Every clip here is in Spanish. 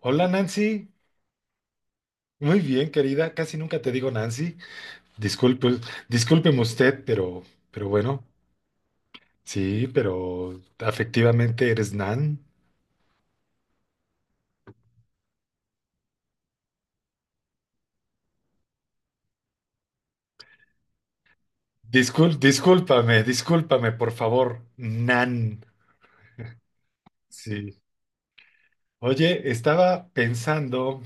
Hola, Nancy. Muy bien, querida, casi nunca te digo Nancy. Disculpe, discúlpeme usted, pero bueno, sí, pero afectivamente eres Nan. Discúlpame, discúlpame, por favor, Nan. Sí. Oye, estaba pensando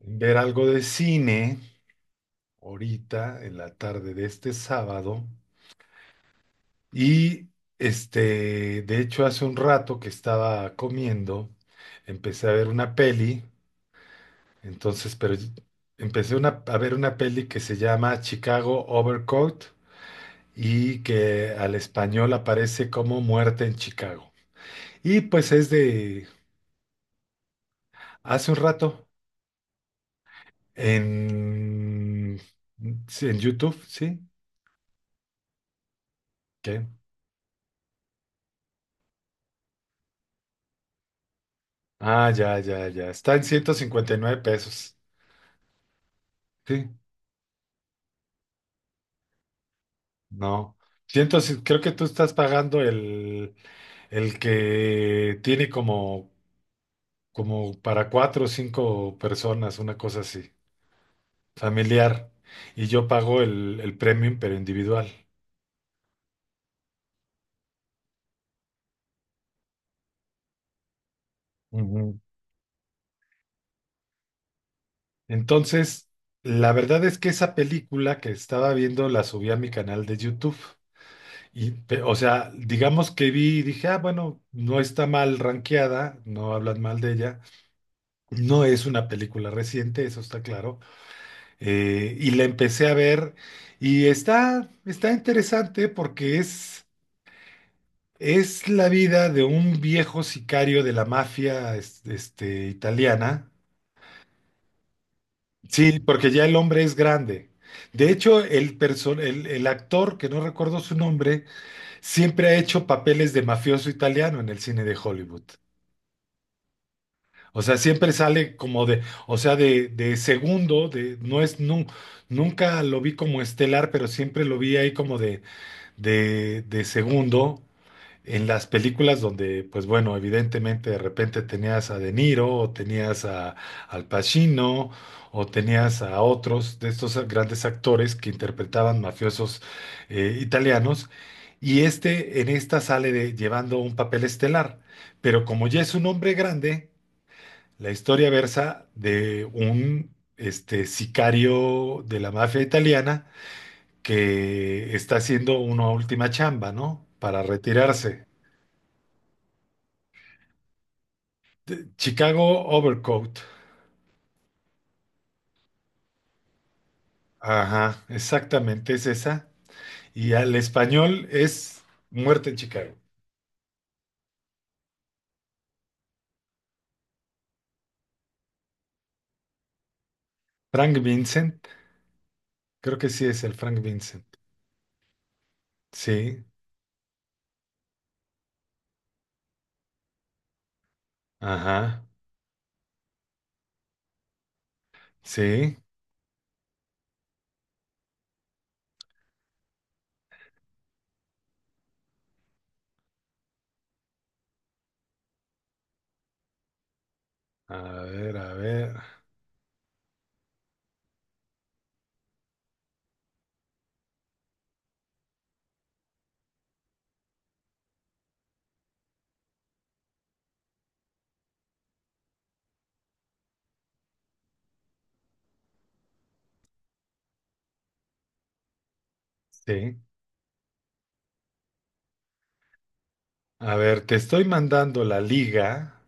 en ver algo de cine ahorita en la tarde de este sábado. Y de hecho hace un rato que estaba comiendo, empecé a ver una peli. Entonces, empecé a ver una peli que se llama Chicago Overcoat y que al español aparece como Muerte en Chicago. Y pues es de hace un rato en, sí, en YouTube, ¿sí? ¿Qué? Ah, ya, ya, ya. Está en 159 pesos. Sí, no. Entonces, creo que tú estás pagando el que tiene como para cuatro o cinco personas, una cosa así. Familiar. Y yo pago el premium, pero individual. Ujú. Entonces, la verdad es que esa película que estaba viendo la subí a mi canal de YouTube. O sea, digamos que vi y dije, ah, bueno, no está mal rankeada, no hablan mal de ella. No es una película reciente, eso está claro. Y la empecé a ver y está interesante porque es la vida de un viejo sicario de la mafia italiana. Sí, porque ya el hombre es grande. De hecho, el actor, que no recuerdo su nombre, siempre ha hecho papeles de mafioso italiano en el cine de Hollywood. O sea, siempre sale como de, o sea, de segundo, de, no es, nu- nunca lo vi como estelar, pero siempre lo vi ahí como de segundo, en las películas donde, pues bueno, evidentemente de repente tenías a De Niro o tenías a Al Pacino o tenías a otros de estos grandes actores que interpretaban mafiosos italianos. Y en esta sale llevando un papel estelar, pero como ya es un hombre grande, la historia versa de un sicario de la mafia italiana que está haciendo una última chamba, ¿no? Para retirarse. Chicago Overcoat. Ajá, exactamente, es esa. Y al español es Muerte en Chicago. Frank Vincent, creo que sí es el Frank Vincent. Sí, ajá, sí. A ver, sí. A ver, te estoy mandando la liga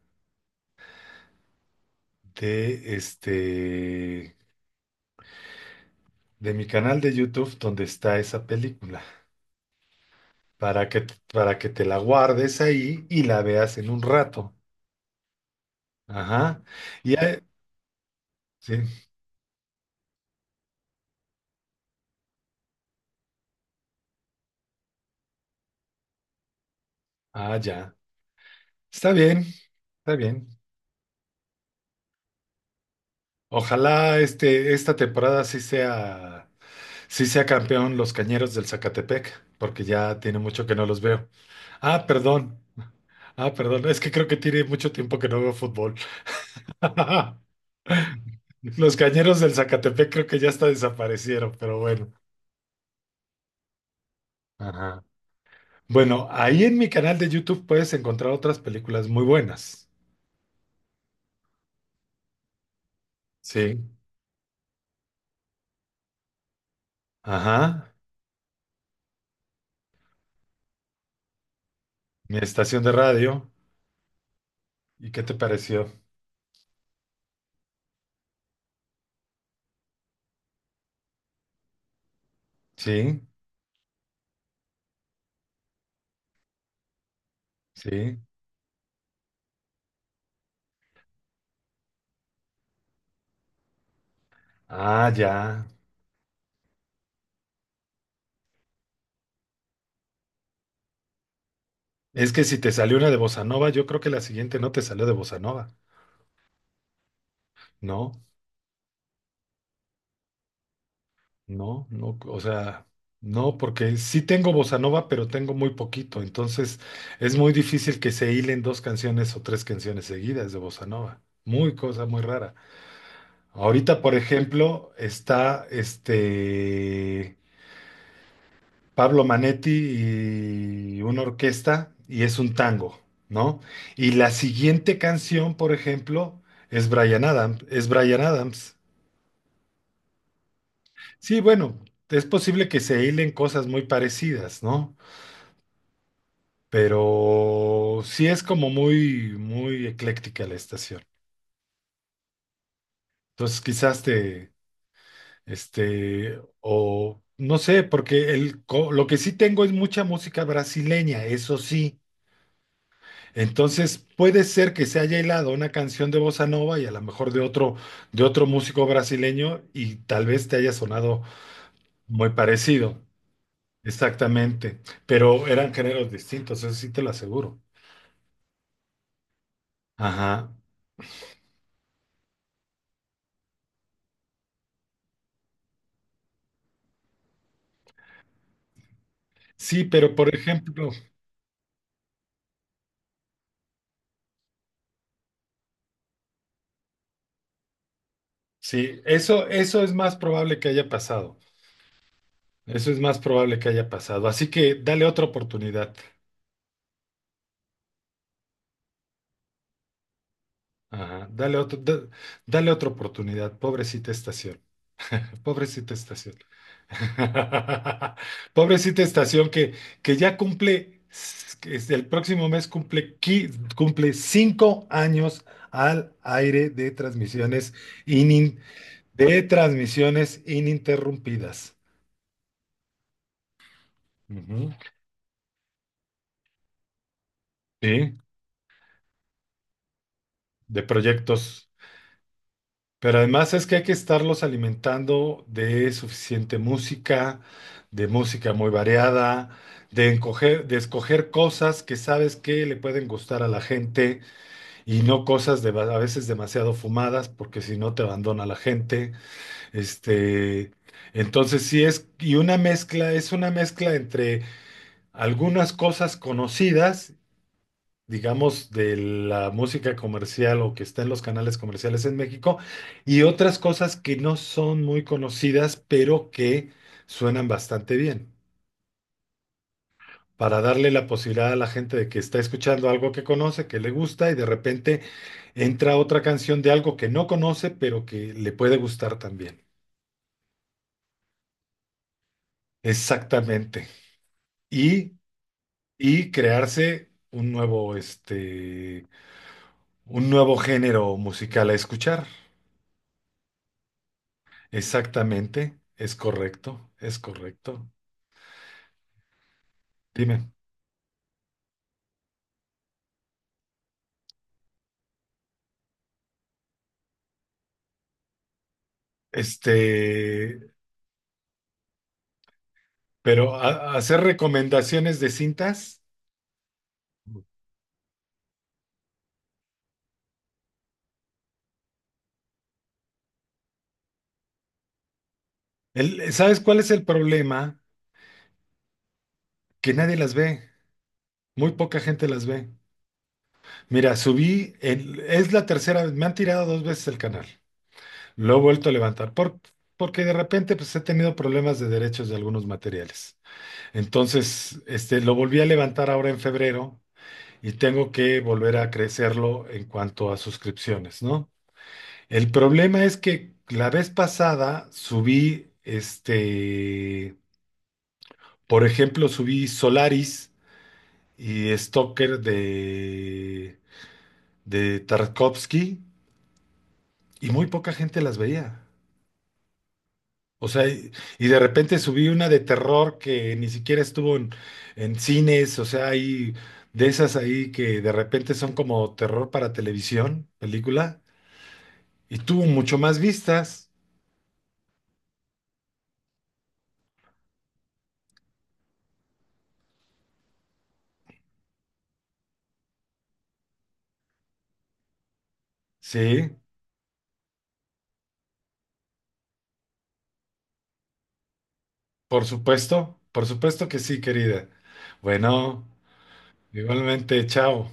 de de mi canal de YouTube donde está esa película, para que, para que te la guardes ahí y la veas en un rato. Ajá. Y, ahí- sí, ah, ya. Está bien, está bien. Ojalá esta temporada sí sea campeón los Cañeros del Zacatepec, porque ya tiene mucho que no los veo. Ah, perdón. Ah, perdón. Es que creo que tiene mucho tiempo que no veo fútbol. Los Cañeros del Zacatepec creo que ya hasta desaparecieron, pero bueno. Ajá. Bueno, ahí en mi canal de YouTube puedes encontrar otras películas muy buenas. Sí. Ajá. Mi estación de radio. ¿Y qué te pareció? Sí. Sí. Ah, ya. Es que si te salió una de bossa nova, yo creo que la siguiente no te salió de bossa nova. No, no, no. O sea, no, porque sí tengo bossa nova, pero tengo muy poquito. Entonces es muy difícil que se hilen dos canciones o tres canciones seguidas de bossa nova. Muy cosa muy rara. Ahorita, por ejemplo, está Pablo Manetti y una orquesta y es un tango, ¿no? Y la siguiente canción, por ejemplo, es Bryan Adams, es Bryan Adams. Sí, bueno, es posible que se hilen cosas muy parecidas, ¿no? Pero sí es como muy, muy ecléctica la estación. Entonces, quizás te, o no sé, porque lo que sí tengo es mucha música brasileña, eso sí. Entonces, puede ser que se haya hilado una canción de bossa nova y a lo mejor de otro, músico brasileño y tal vez te haya sonado muy parecido. Exactamente. Pero eran géneros distintos, eso sí te lo aseguro. Ajá. Sí, pero por ejemplo, sí, eso es más probable que haya pasado. Eso es más probable que haya pasado. Así que dale otra oportunidad. Ajá. Dale otra oportunidad, pobrecita estación. Pobrecita estación. Pobrecita estación que ya cumple, el próximo mes cumple, cumple 5 años al aire de transmisiones, inin- de transmisiones ininterrumpidas. Ujú. Sí, de proyectos. Pero además es que hay que estarlos alimentando de suficiente música, de música muy variada, de escoger cosas que sabes que le pueden gustar a la gente y no cosas de, a veces demasiado fumadas, porque si no te abandona la gente. Este, entonces sí es, y una mezcla, es una mezcla entre algunas cosas conocidas, digamos, de la música comercial o que está en los canales comerciales en México y otras cosas que no son muy conocidas, pero que suenan bastante bien, para darle la posibilidad a la gente de que está escuchando algo que conoce, que le gusta y de repente entra otra canción de algo que no conoce, pero que le puede gustar también. Exactamente. Y, y crearse un nuevo, un nuevo género musical a escuchar. Exactamente, es correcto, es correcto. Dime, este, pero hacer recomendaciones de cintas, ¿sabes cuál es el problema? Que nadie las ve, muy poca gente las ve. Mira, subí, es la tercera vez, me han tirado dos veces el canal, lo he vuelto a levantar, porque de repente pues he tenido problemas de derechos de algunos materiales. Entonces, lo volví a levantar ahora en febrero y tengo que volver a crecerlo en cuanto a suscripciones, ¿no? El problema es que la vez pasada subí, por ejemplo, subí Solaris y Stalker de Tarkovsky y muy poca gente las veía. O sea, y de repente subí una de terror que ni siquiera estuvo en cines, o sea, hay de esas ahí que de repente son como terror para televisión, película. Y tuvo mucho más vistas. Sí, por supuesto que sí, querida. Bueno, igualmente, chao.